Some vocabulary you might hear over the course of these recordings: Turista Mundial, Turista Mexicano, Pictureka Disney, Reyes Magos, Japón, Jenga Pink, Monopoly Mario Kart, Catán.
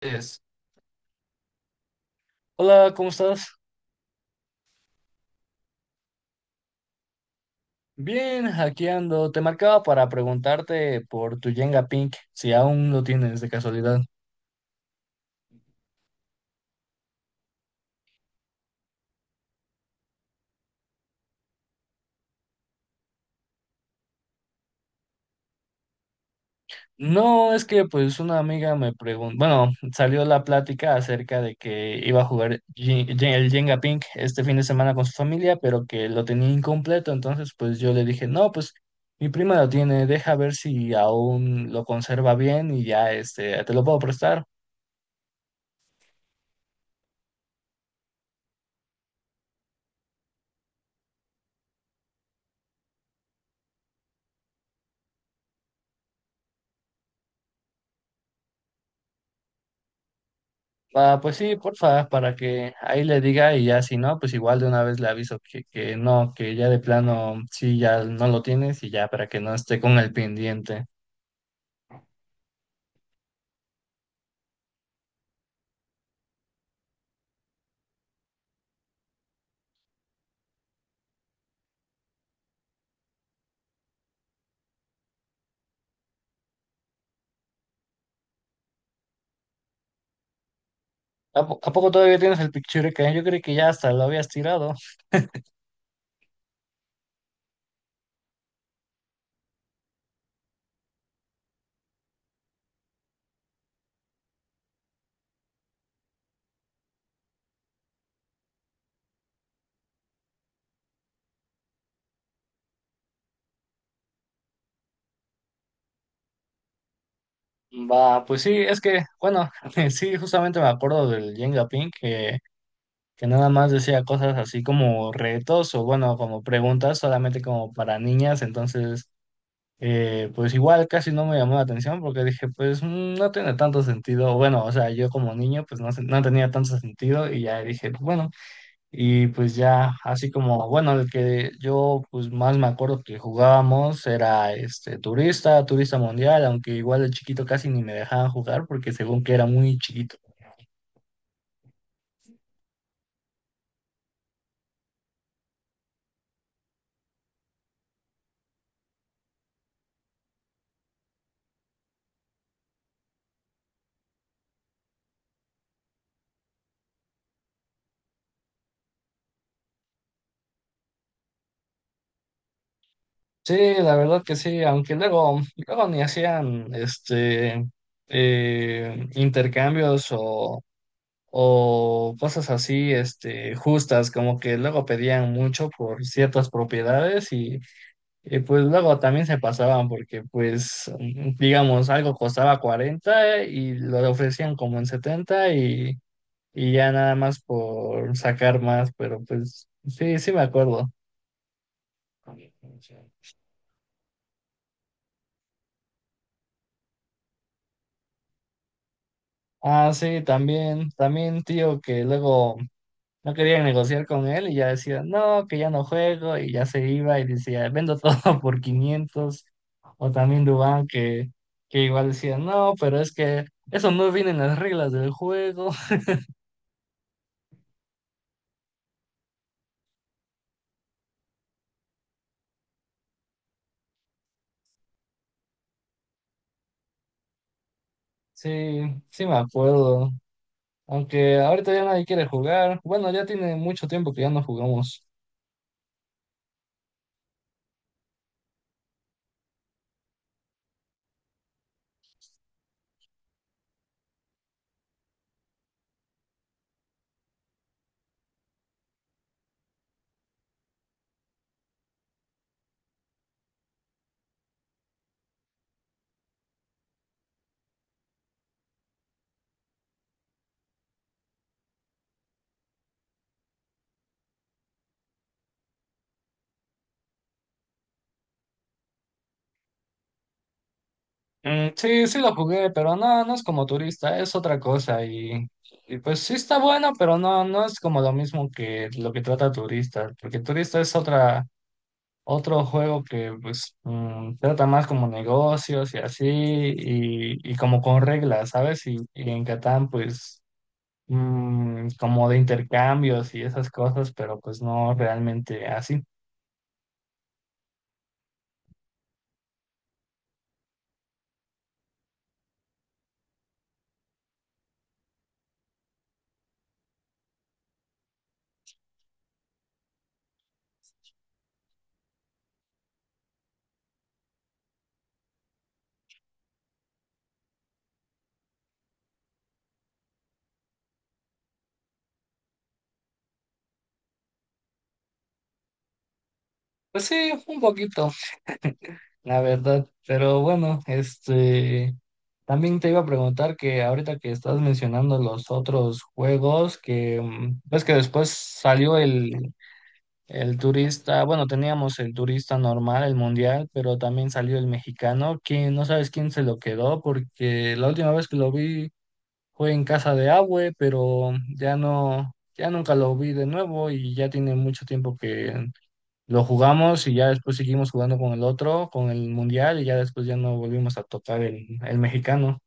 Es- Hola, ¿cómo estás? Bien, aquí ando. Te marcaba para preguntarte por tu Jenga Pink, si aún lo tienes de casualidad. No, es que pues una amiga me preguntó, bueno, salió la plática acerca de que iba a jugar el Jenga Pink este fin de semana con su familia, pero que lo tenía incompleto, entonces pues yo le dije, no, pues mi prima lo tiene, deja ver si aún lo conserva bien y ya este, te lo puedo prestar. Ah, pues sí, porfa, para que ahí le diga y ya si no, pues igual de una vez le aviso que no, que ya de plano sí, ya no lo tienes y ya para que no esté con el pendiente. ¿A poco todavía tienes el Pictureka? Yo creí que ya hasta lo habías tirado. Va, pues sí, es que, bueno, sí, justamente me acuerdo del Jenga Pink que nada más decía cosas así como retos o bueno, como preguntas solamente como para niñas, entonces. Pues igual casi no me llamó la atención porque dije, pues no tiene tanto sentido. Bueno, o sea, yo como niño, pues no, no tenía tanto sentido y ya dije, pues, bueno, y pues ya así como, bueno, el que yo pues más me acuerdo que jugábamos era este turista, turista mundial, aunque igual de chiquito casi ni me dejaban jugar porque según que era muy chiquito. Sí, la verdad que sí, aunque luego, luego ni hacían este intercambios o cosas así, este, justas, como que luego pedían mucho por ciertas propiedades y, pues luego también se pasaban porque pues digamos algo costaba 40 y lo ofrecían como en 70 y ya nada más por sacar más, pero pues sí, sí me acuerdo. Ah, sí, también, también tío que luego no querían negociar con él y ya decía, no, que ya no juego y ya se iba y decía, vendo todo por 500. O también Dubán que igual decía, no, pero es que eso no viene en las reglas del juego. Sí, sí me acuerdo. Aunque ahorita ya nadie quiere jugar. Bueno, ya tiene mucho tiempo que ya no jugamos. Mm, sí, sí lo jugué, pero no, no es como turista, es otra cosa y pues sí está bueno, pero no, no es como lo mismo que lo que trata turista, porque turista es otra. Otro juego que pues trata más como negocios y así, y como con reglas, ¿sabes? Y en Catán pues como de intercambios y esas cosas, pero pues no realmente así. Pues sí, un poquito, la verdad. Pero bueno, este, también te iba a preguntar que ahorita que estás mencionando los otros juegos, que ves que después salió el turista, bueno, teníamos el turista normal, el mundial, pero también salió el mexicano, que no sabes quién se lo quedó, porque la última vez que lo vi fue en casa de Abue, pero ya no, ya nunca lo vi de nuevo y ya tiene mucho tiempo que lo jugamos y ya después seguimos jugando con el otro, con el mundial y ya después ya no volvimos a tocar el mexicano.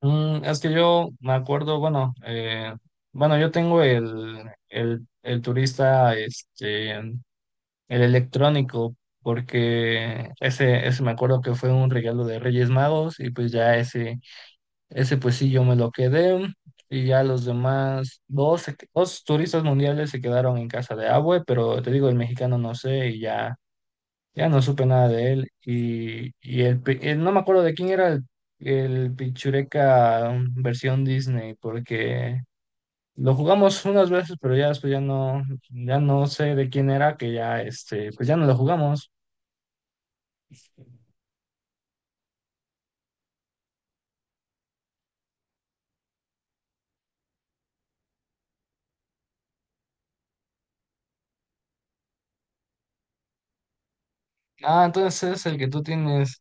Es que yo me acuerdo, bueno, bueno, yo tengo el turista, este. El electrónico, porque ese, me acuerdo que fue un regalo de Reyes Magos y pues ya ese pues sí yo me lo quedé y ya los demás, dos, dos turistas mundiales se quedaron en casa de Abue, pero te digo, el mexicano no sé y ya, ya no supe nada de él y no me acuerdo de quién era el Pichureca versión Disney, porque. Lo jugamos unas veces, pero ya después ya no, ya no sé de quién era, que ya este, pues ya no lo jugamos. Ah, entonces es el que tú tienes.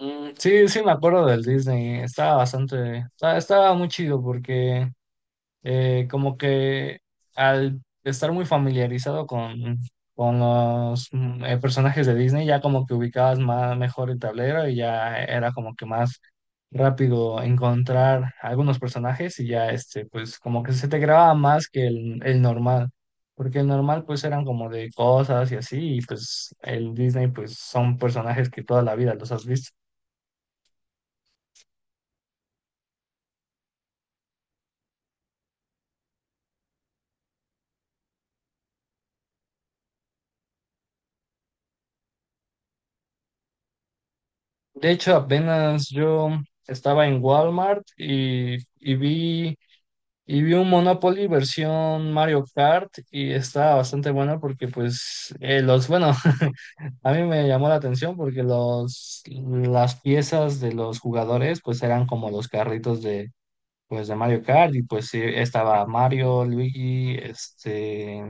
Mm, sí, sí, me acuerdo del Disney. Estaba bastante, estaba muy chido porque como que al estar muy familiarizado con los personajes de Disney, ya como que ubicabas más mejor el tablero y ya era como que más rápido encontrar algunos personajes y ya este, pues como que se te grababa más que el normal. Porque el normal pues eran como de cosas y así, y pues el Disney pues son personajes que toda la vida los has visto. De hecho, apenas yo estaba en Walmart y, y vi un Monopoly versión Mario Kart y estaba bastante bueno porque pues bueno, a mí me llamó la atención porque las piezas de los jugadores pues eran como los carritos de Mario Kart y pues sí, estaba Mario, Luigi, este,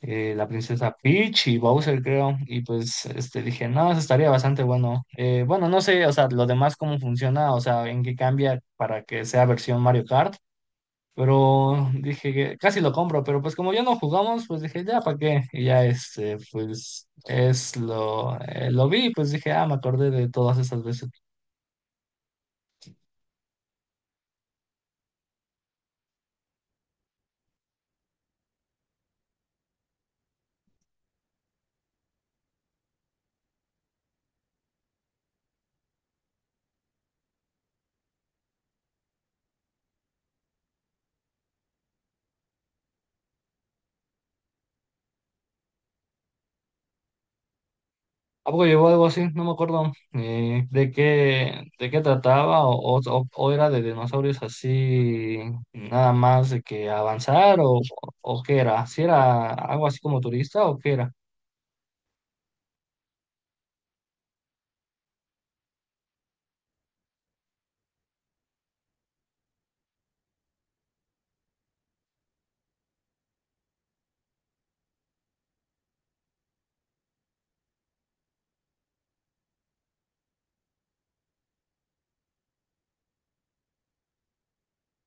la princesa Peach y Bowser creo y pues este dije, no, eso estaría bastante bueno. Bueno, no sé, o sea, lo demás cómo funciona, o sea, en qué cambia para que sea versión Mario Kart. Pero dije que casi lo compro, pero pues como ya no jugamos, pues dije, ya, ¿para qué? Y ya este, pues es lo vi, pues dije, ah, me acordé de todas esas veces. ¿A poco llevó algo así? No me acuerdo de qué trataba o era de dinosaurios así, nada más de que avanzar o qué era, si era algo así como turista o qué era.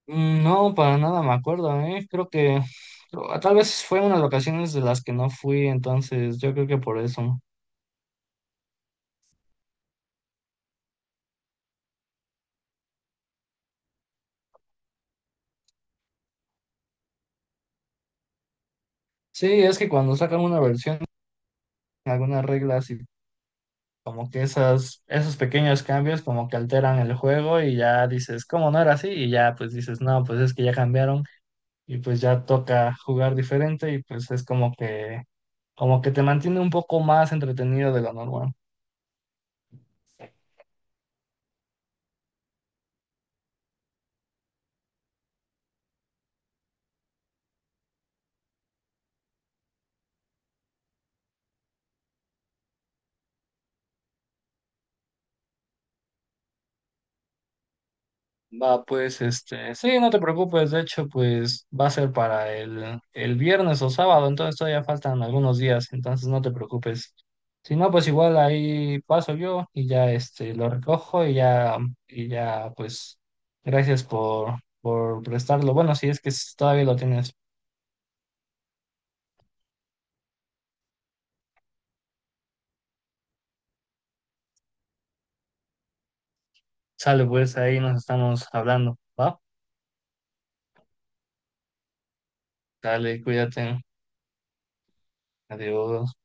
Mm, no, para nada me acuerdo, ¿eh? Creo que ah, tal vez fue unas vacaciones de las que no fui, entonces yo creo que por eso. Sí, es que cuando sacan una versión, algunas reglas y como que esos pequeños cambios como que alteran el juego y ya dices, ¿cómo no era así? Y ya pues dices, no, pues es que ya cambiaron y pues ya toca jugar diferente y pues es como que te mantiene un poco más entretenido de lo normal. Va, pues, este, sí, no te preocupes, de hecho, pues va a ser para el viernes o sábado, entonces todavía faltan algunos días, entonces no te preocupes. Si no, pues igual ahí paso yo y ya este lo recojo y ya, pues, gracias por prestarlo. Bueno, si es que todavía lo tienes. Sale, pues ahí nos estamos hablando, ¿va? Dale, cuídate. Adiós.